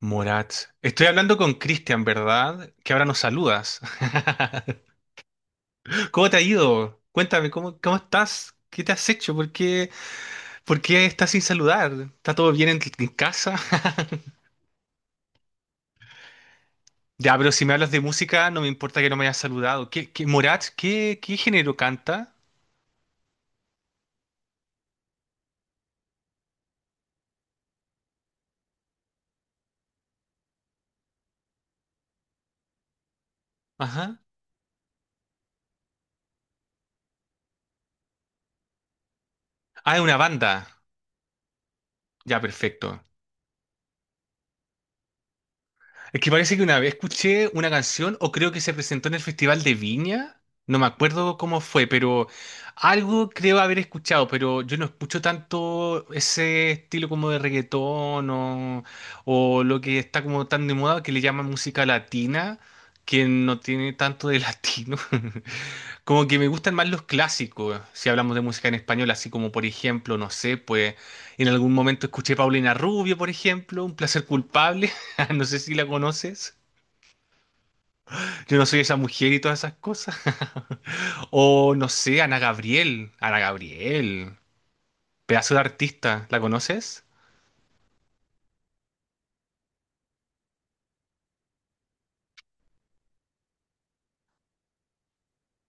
Morat. Estoy hablando con Cristian, ¿verdad? Que ahora nos saludas. ¿Cómo te ha ido? Cuéntame, ¿cómo estás? ¿Qué te has hecho? ¿Por qué estás sin saludar? ¿Está todo bien en casa? Ya, pero si me hablas de música, no me importa que no me hayas saludado. Morat, qué género canta? Ajá. Ah, es una banda. Ya, perfecto. Es que parece que una vez escuché una canción, o creo que se presentó en el Festival de Viña, no me acuerdo cómo fue, pero algo creo haber escuchado, pero yo no escucho tanto ese estilo como de reggaetón o lo que está como tan de moda que le llaman música latina, que no tiene tanto de latino. Como que me gustan más los clásicos, si hablamos de música en español, así como por ejemplo, no sé, pues en algún momento escuché Paulina Rubio, por ejemplo, Un placer culpable. No sé si la conoces. Yo no soy esa mujer y todas esas cosas. O no sé, Ana Gabriel. Ana Gabriel. Pedazo de artista. ¿La conoces?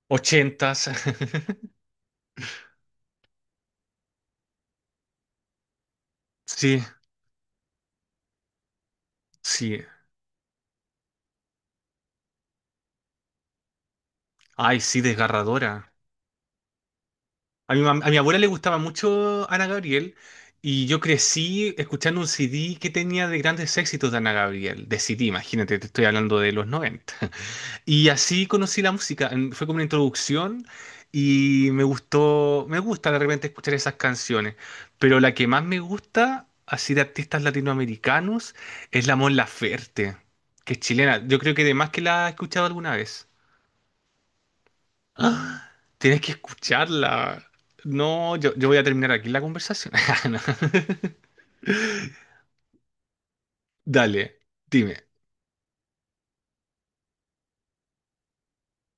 Ochentas. Sí, sí. Ay, sí, desgarradora. A mi abuela le gustaba mucho Ana Gabriel y yo crecí escuchando un CD que tenía de grandes éxitos de Ana Gabriel. De CD, imagínate, te estoy hablando de los 90. Y así conocí la música, fue como una introducción y me gustó, me gusta de repente escuchar esas canciones, pero la que más me gusta, así de artistas latinoamericanos, es la Mon Laferte, que es chilena. Yo creo que además que la he escuchado alguna vez. ¡Ah! Tienes que escucharla. No, yo, voy a terminar aquí la conversación. No. Dale, dime.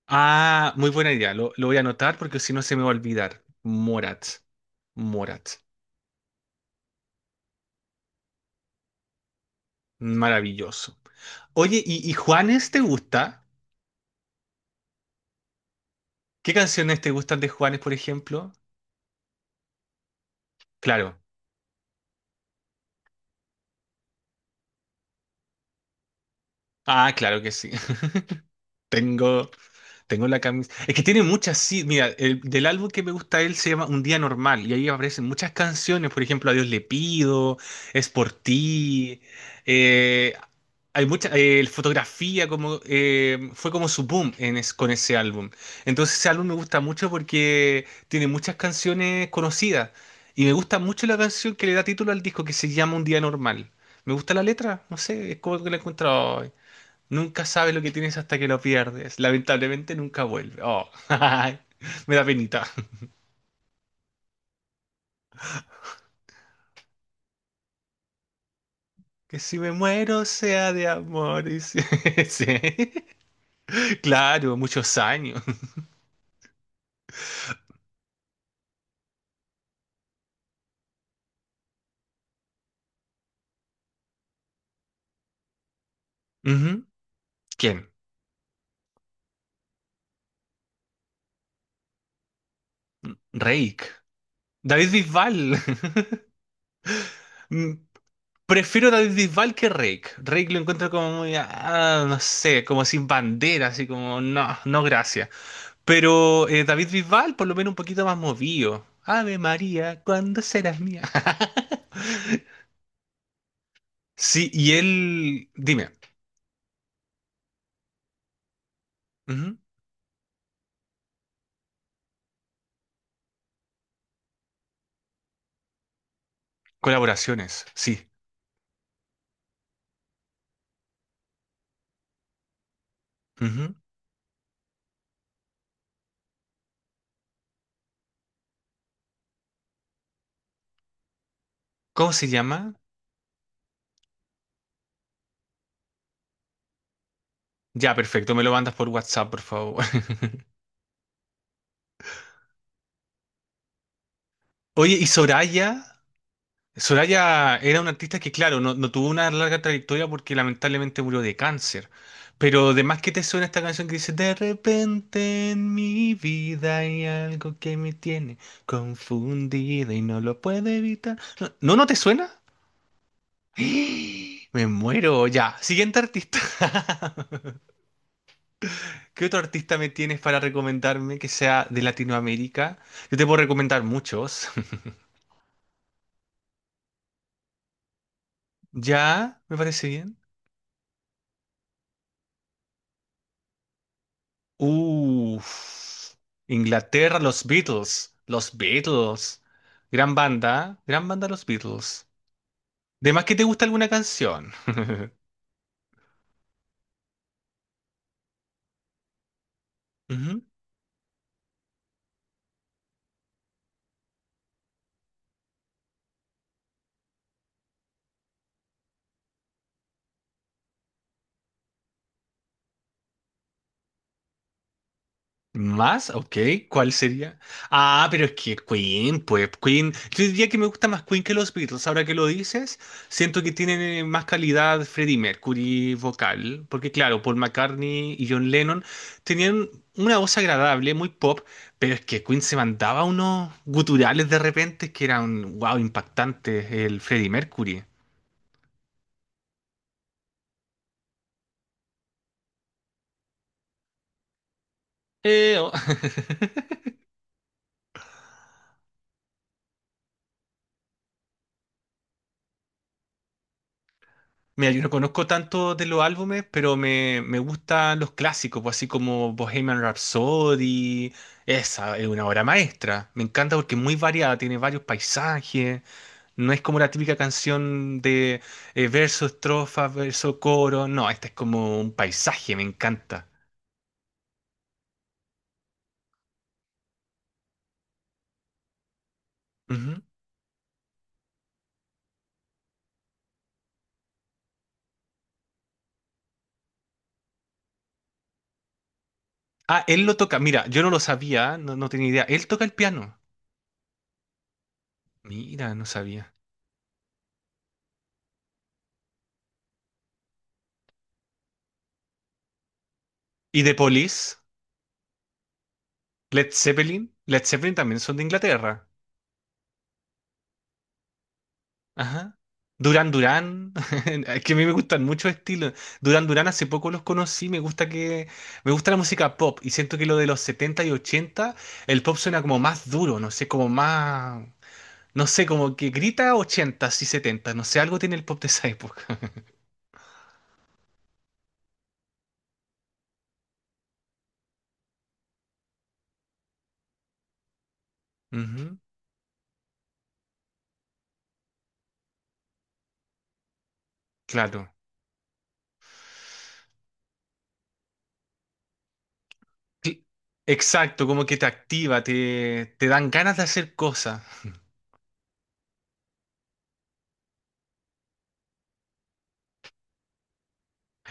Ah, muy buena idea, lo voy a anotar porque si no se me va a olvidar. Morat, Morat. Maravilloso. Oye, ¿y Juanes te gusta? ¿Qué canciones te gustan de Juanes, por ejemplo? Claro. Ah, claro que sí. Tengo. Tengo la camisa. Es que tiene muchas, sí. Mira, del álbum que me gusta a él se llama Un Día Normal y ahí aparecen muchas canciones. Por ejemplo, A Dios le pido, Es por ti. eh, hay mucha fotografía, como, fue como su boom en con ese álbum. Entonces, ese álbum me gusta mucho porque tiene muchas canciones conocidas. Y me gusta mucho la canción que le da título al disco que se llama Un Día Normal. Me gusta la letra, no sé, es como que la he encontrado. Nunca sabes lo que tienes hasta que lo pierdes. Lamentablemente nunca vuelve. Oh, ay, me da penita. Que si me muero sea de amor. Sí. Claro, muchos años. Ujú. ¿Quién? Rake. David Bisbal. Mm, prefiero David Bisbal que Rake. Rake lo encuentro como muy, no sé, como sin bandera, así como, no, no gracias. Pero David Bisbal por lo menos un poquito más movido. Ave María, ¿cuándo serás mía? Sí, y él, dime. Ujú. Colaboraciones, sí. Ujú. ¿Cómo se llama? Ya, perfecto, me lo mandas por WhatsApp, por favor. Oye, y Soraya, era una artista que, claro, no, no tuvo una larga trayectoria porque lamentablemente murió de cáncer. Pero además que te suena esta canción que dice, De repente en mi vida hay algo que me tiene confundida y no lo puedo evitar. ¿No no, no te suena? Me muero, ya. Siguiente artista. ¿Qué otro artista me tienes para recomendarme que sea de Latinoamérica? Yo te puedo recomendar muchos. ¿Ya? ¿Me parece bien? Uff. Inglaterra, los Beatles. Los Beatles. Gran banda. Gran banda, los Beatles. ¿De más que te gusta alguna canción? Ujú. ¿Más? Ok, ¿cuál sería? Ah, pero es que Queen, pues Queen, yo diría que me gusta más Queen que los Beatles, ahora que lo dices, siento que tienen más calidad Freddie Mercury vocal, porque claro, Paul McCartney y John Lennon tenían una voz agradable, muy pop, pero es que Queen se mandaba unos guturales de repente que eran, wow, impactantes, el Freddie Mercury. Oh. Mira, yo no conozco tanto de los álbumes, pero me gustan los clásicos, pues así como Bohemian Rhapsody. Esa es una obra maestra. Me encanta porque es muy variada, tiene varios paisajes. No es como la típica canción de verso, estrofa, verso, coro. No, esta es como un paisaje, me encanta. Ujú. Ah, él lo toca. Mira, yo no lo sabía, no, no tenía idea. Él toca el piano. Mira, no sabía. ¿Y The Police? ¿Led Zeppelin? Led Zeppelin también son de Inglaterra. Ajá. Duran Duran, es que a mí me gustan muchos estilos. Duran Duran hace poco los conocí, me gusta la música pop y siento que lo de los 70 y 80 el pop suena como más duro, no sé, como más no sé, como que grita 80 y 70, no sé, algo tiene el pop de esa época. Ujú. Claro. Sí, exacto, como que te activa, te dan ganas de hacer cosas.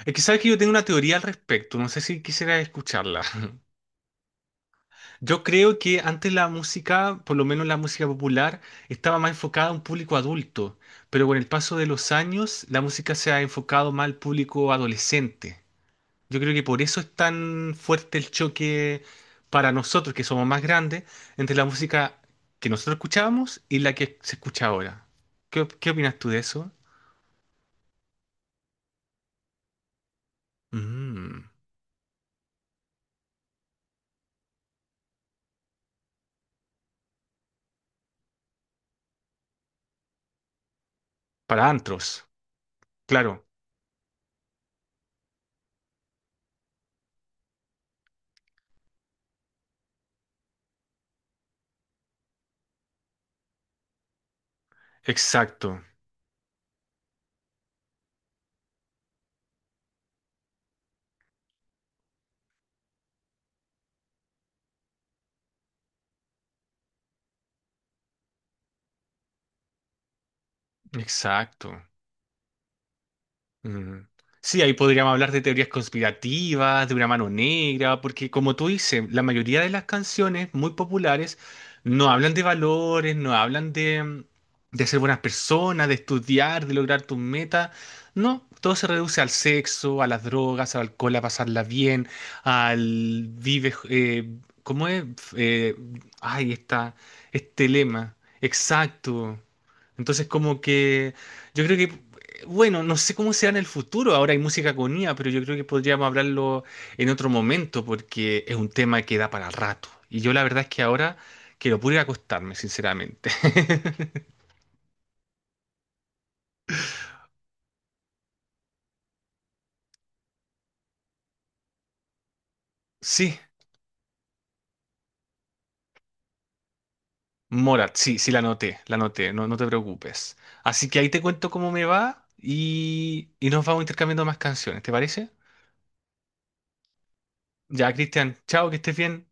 Es que sabes que yo tengo una teoría al respecto, no sé si quisiera escucharla. Yo creo que antes la música, por lo menos la música popular, estaba más enfocada a un público adulto, pero con el paso de los años la música se ha enfocado más al público adolescente. Yo creo que por eso es tan fuerte el choque para nosotros, que somos más grandes, entre la música que nosotros escuchábamos y la que se escucha ahora. ¿Qué opinas tú de eso? Mm, para antros, claro, exacto, exacto. Mm. Sí, ahí podríamos hablar de teorías conspirativas, de una mano negra, porque como tú dices, la mayoría de las canciones muy populares no hablan de valores, no hablan de, ser buenas personas, de estudiar, de lograr tus metas. No, todo se reduce al sexo, a las drogas, al alcohol, a pasarla bien, al vive, ¿cómo es? Eh, ay, está, este lema, exacto. Entonces, como que yo creo que bueno, no sé cómo será en el futuro. Ahora hay música con IA, pero yo creo que podríamos hablarlo en otro momento porque es un tema que da para rato. Y yo la verdad es que ahora quiero puro ir a acostarme, sinceramente. Sí, Morat, sí, sí la noté, no, no te preocupes. Así que ahí te cuento cómo me va y nos vamos intercambiando más canciones, ¿te parece? Ya, Cristian, chao, que estés bien.